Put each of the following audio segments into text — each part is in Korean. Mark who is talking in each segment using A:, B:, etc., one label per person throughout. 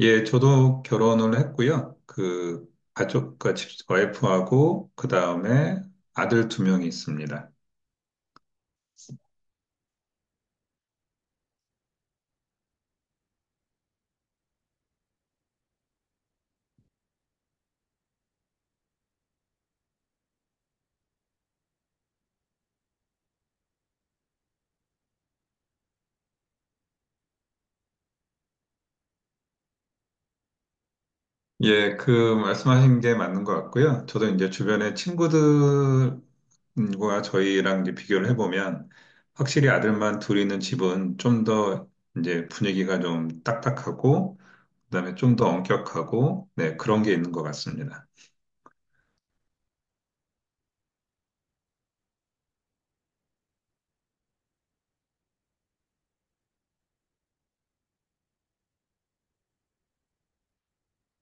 A: 예, 저도 결혼을 했고요. 그 가족, 그 집- 와이프하고 그 다음에 아들 두 명이 있습니다. 예, 그 말씀하신 게 맞는 것 같고요. 저도 이제 주변에 친구들과 저희랑 이제 비교를 해보면 확실히 아들만 둘 있는 집은 좀 더 이제 분위기가 좀 딱딱하고 그다음에 좀 더 엄격하고 네, 그런 게 있는 것 같습니다.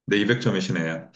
A: 네, 200점이시네요.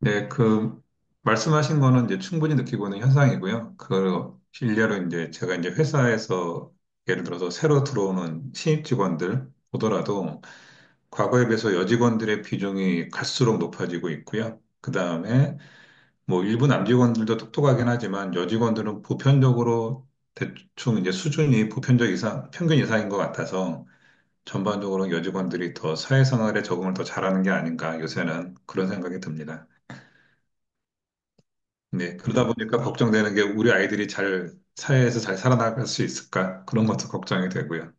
A: 네, 그 말씀하신 거는 이제 충분히 느끼고 있는 현상이고요. 그 일례로 이제 제가 이제 회사에서 예를 들어서 새로 들어오는 신입 직원들 보더라도 과거에 비해서 여직원들의 비중이 갈수록 높아지고 있고요. 그 다음에 뭐 일부 남직원들도 똑똑하긴 하지만 여직원들은 보편적으로 대충 이제 수준이 보편적 이상, 평균 이상인 것 같아서 전반적으로 여직원들이 더 사회생활에 적응을 더 잘하는 게 아닌가 요새는 그런 생각이 듭니다. 네, 그러다 보니까 걱정되는 게 우리 아이들이 잘 사회에서 잘 살아나갈 수 있을까? 그런 것도 걱정이 되고요.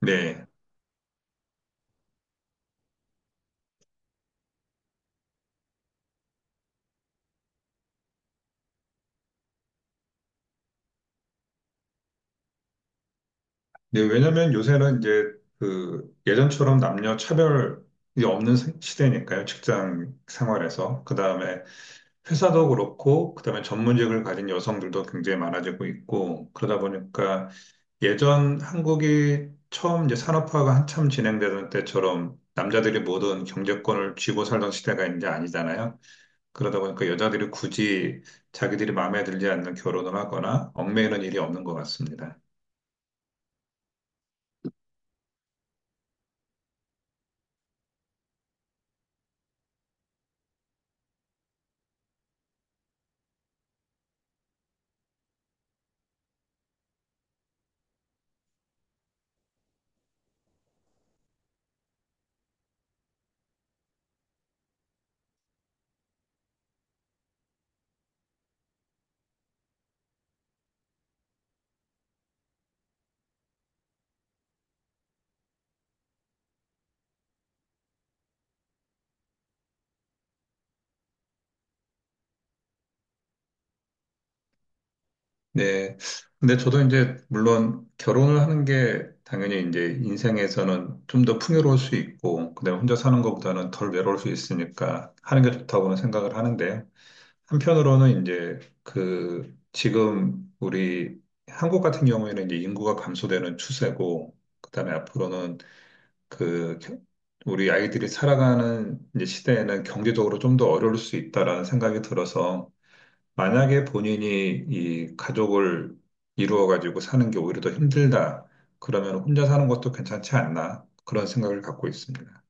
A: 네. 네, 왜냐면 요새는 이제 그 예전처럼 남녀 차별이 없는 시대니까요. 직장 생활에서. 그다음에 회사도 그렇고, 그다음에 전문직을 가진 여성들도 굉장히 많아지고 있고, 그러다 보니까 예전 한국이 처음 이제 산업화가 한참 진행되던 때처럼 남자들이 모든 경제권을 쥐고 살던 시대가 이제 아니잖아요. 그러다 보니까 여자들이 굳이 자기들이 마음에 들지 않는 결혼을 하거나 얽매이는 일이 없는 것 같습니다. 네. 근데 저도 이제 물론 결혼을 하는 게 당연히 이제 인생에서는 좀 더 풍요로울 수 있고, 그다음에 혼자 사는 것보다는 덜 외로울 수 있으니까 하는 게 좋다고는 생각을 하는데요. 한편으로는 이제 그 지금 우리 한국 같은 경우에는 이제 인구가 감소되는 추세고, 그다음에 앞으로는 그 겨- 우리 아이들이 살아가는 이제 시대에는 경제적으로 좀 더 어려울 수 있다라는 생각이 들어서 만약에 본인이 이 가족을 이루어 가지고 사는 게 오히려 더 힘들다. 그러면 혼자 사는 것도 괜찮지 않나? 그런 생각을 갖고 있습니다.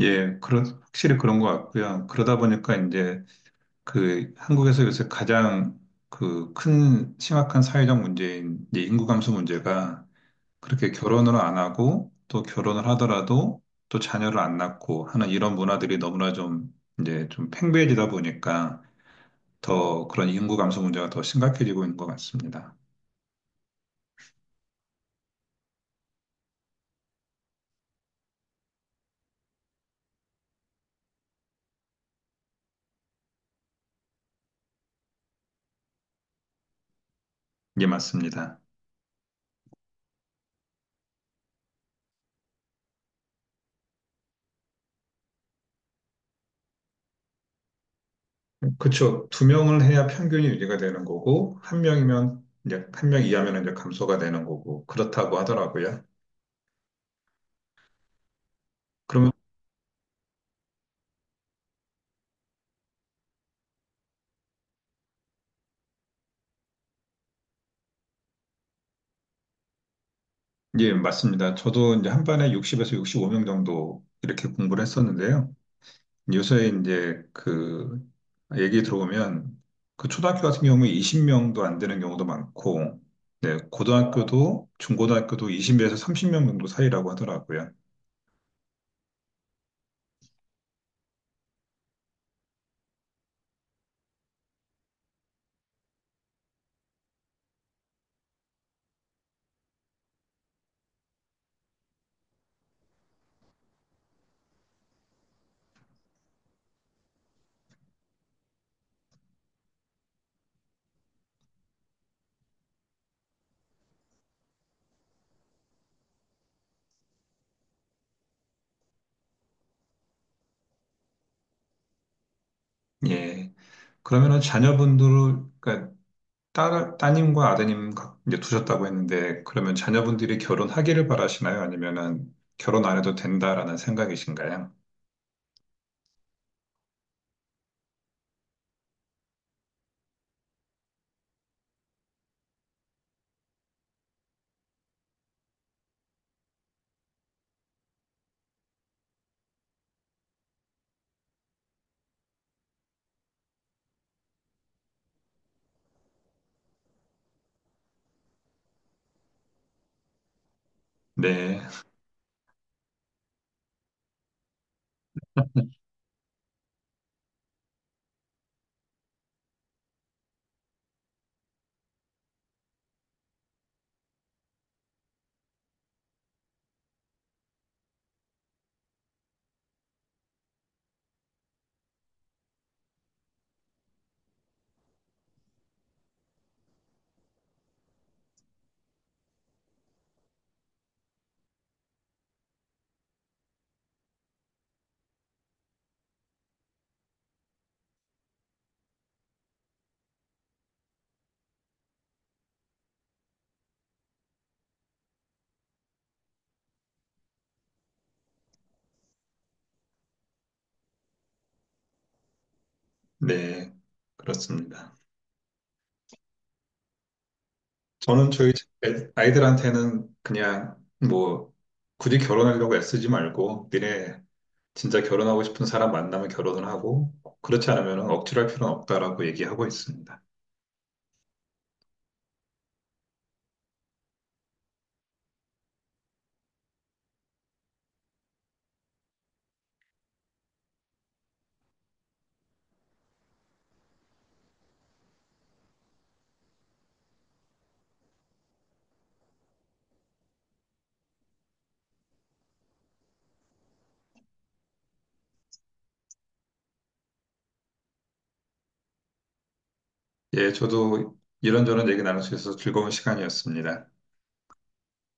A: 예, 그런 확실히 그런 것 같고요. 그러다 보니까 이제 그 한국에서 요새 가장 그 큰 심각한 사회적 문제인 이제 인구 감소 문제가 그렇게 결혼을 안 하고 또 결혼을 하더라도 또 자녀를 안 낳고 하는 이런 문화들이 너무나 좀 이제 좀 팽배해지다 보니까 더 그런 인구 감소 문제가 더 심각해지고 있는 것 같습니다. 이게 맞습니다. 그렇죠. 두 명을 해야 평균이 유지가 되는 거고 한 명이면 이제 한 명 이하면 이제 감소가 되는 거고 그렇다고 하더라고요. 그러면 예, 맞습니다. 저도 이제 한반에 60에서 65명 정도 이렇게 공부를 했었는데요. 요새 이제 그 얘기 들어보면 그 초등학교 같은 경우에 20명도 안 되는 경우도 많고, 네, 고등학교도 중고등학교도 20에서 30명 정도 사이라고 하더라고요. 예. 그러면은 자녀분들, 그러니까 딸, 따님과 이제 두셨다고 했는데, 그러면 자녀분들이 결혼하기를 바라시나요? 아니면은 결혼 안 해도 된다라는 생각이신가요? 네, 네, 그렇습니다. 저는 저희 집 아이들한테는 그냥 뭐 굳이 결혼하려고 애쓰지 말고 니네 진짜 결혼하고 싶은 사람 만나면 결혼을 하고 그렇지 않으면 억지로 할 필요는 없다라고 얘기하고 있습니다. 예, 저도 이런저런 얘기 나눌 수 있어서 즐거운 시간이었습니다.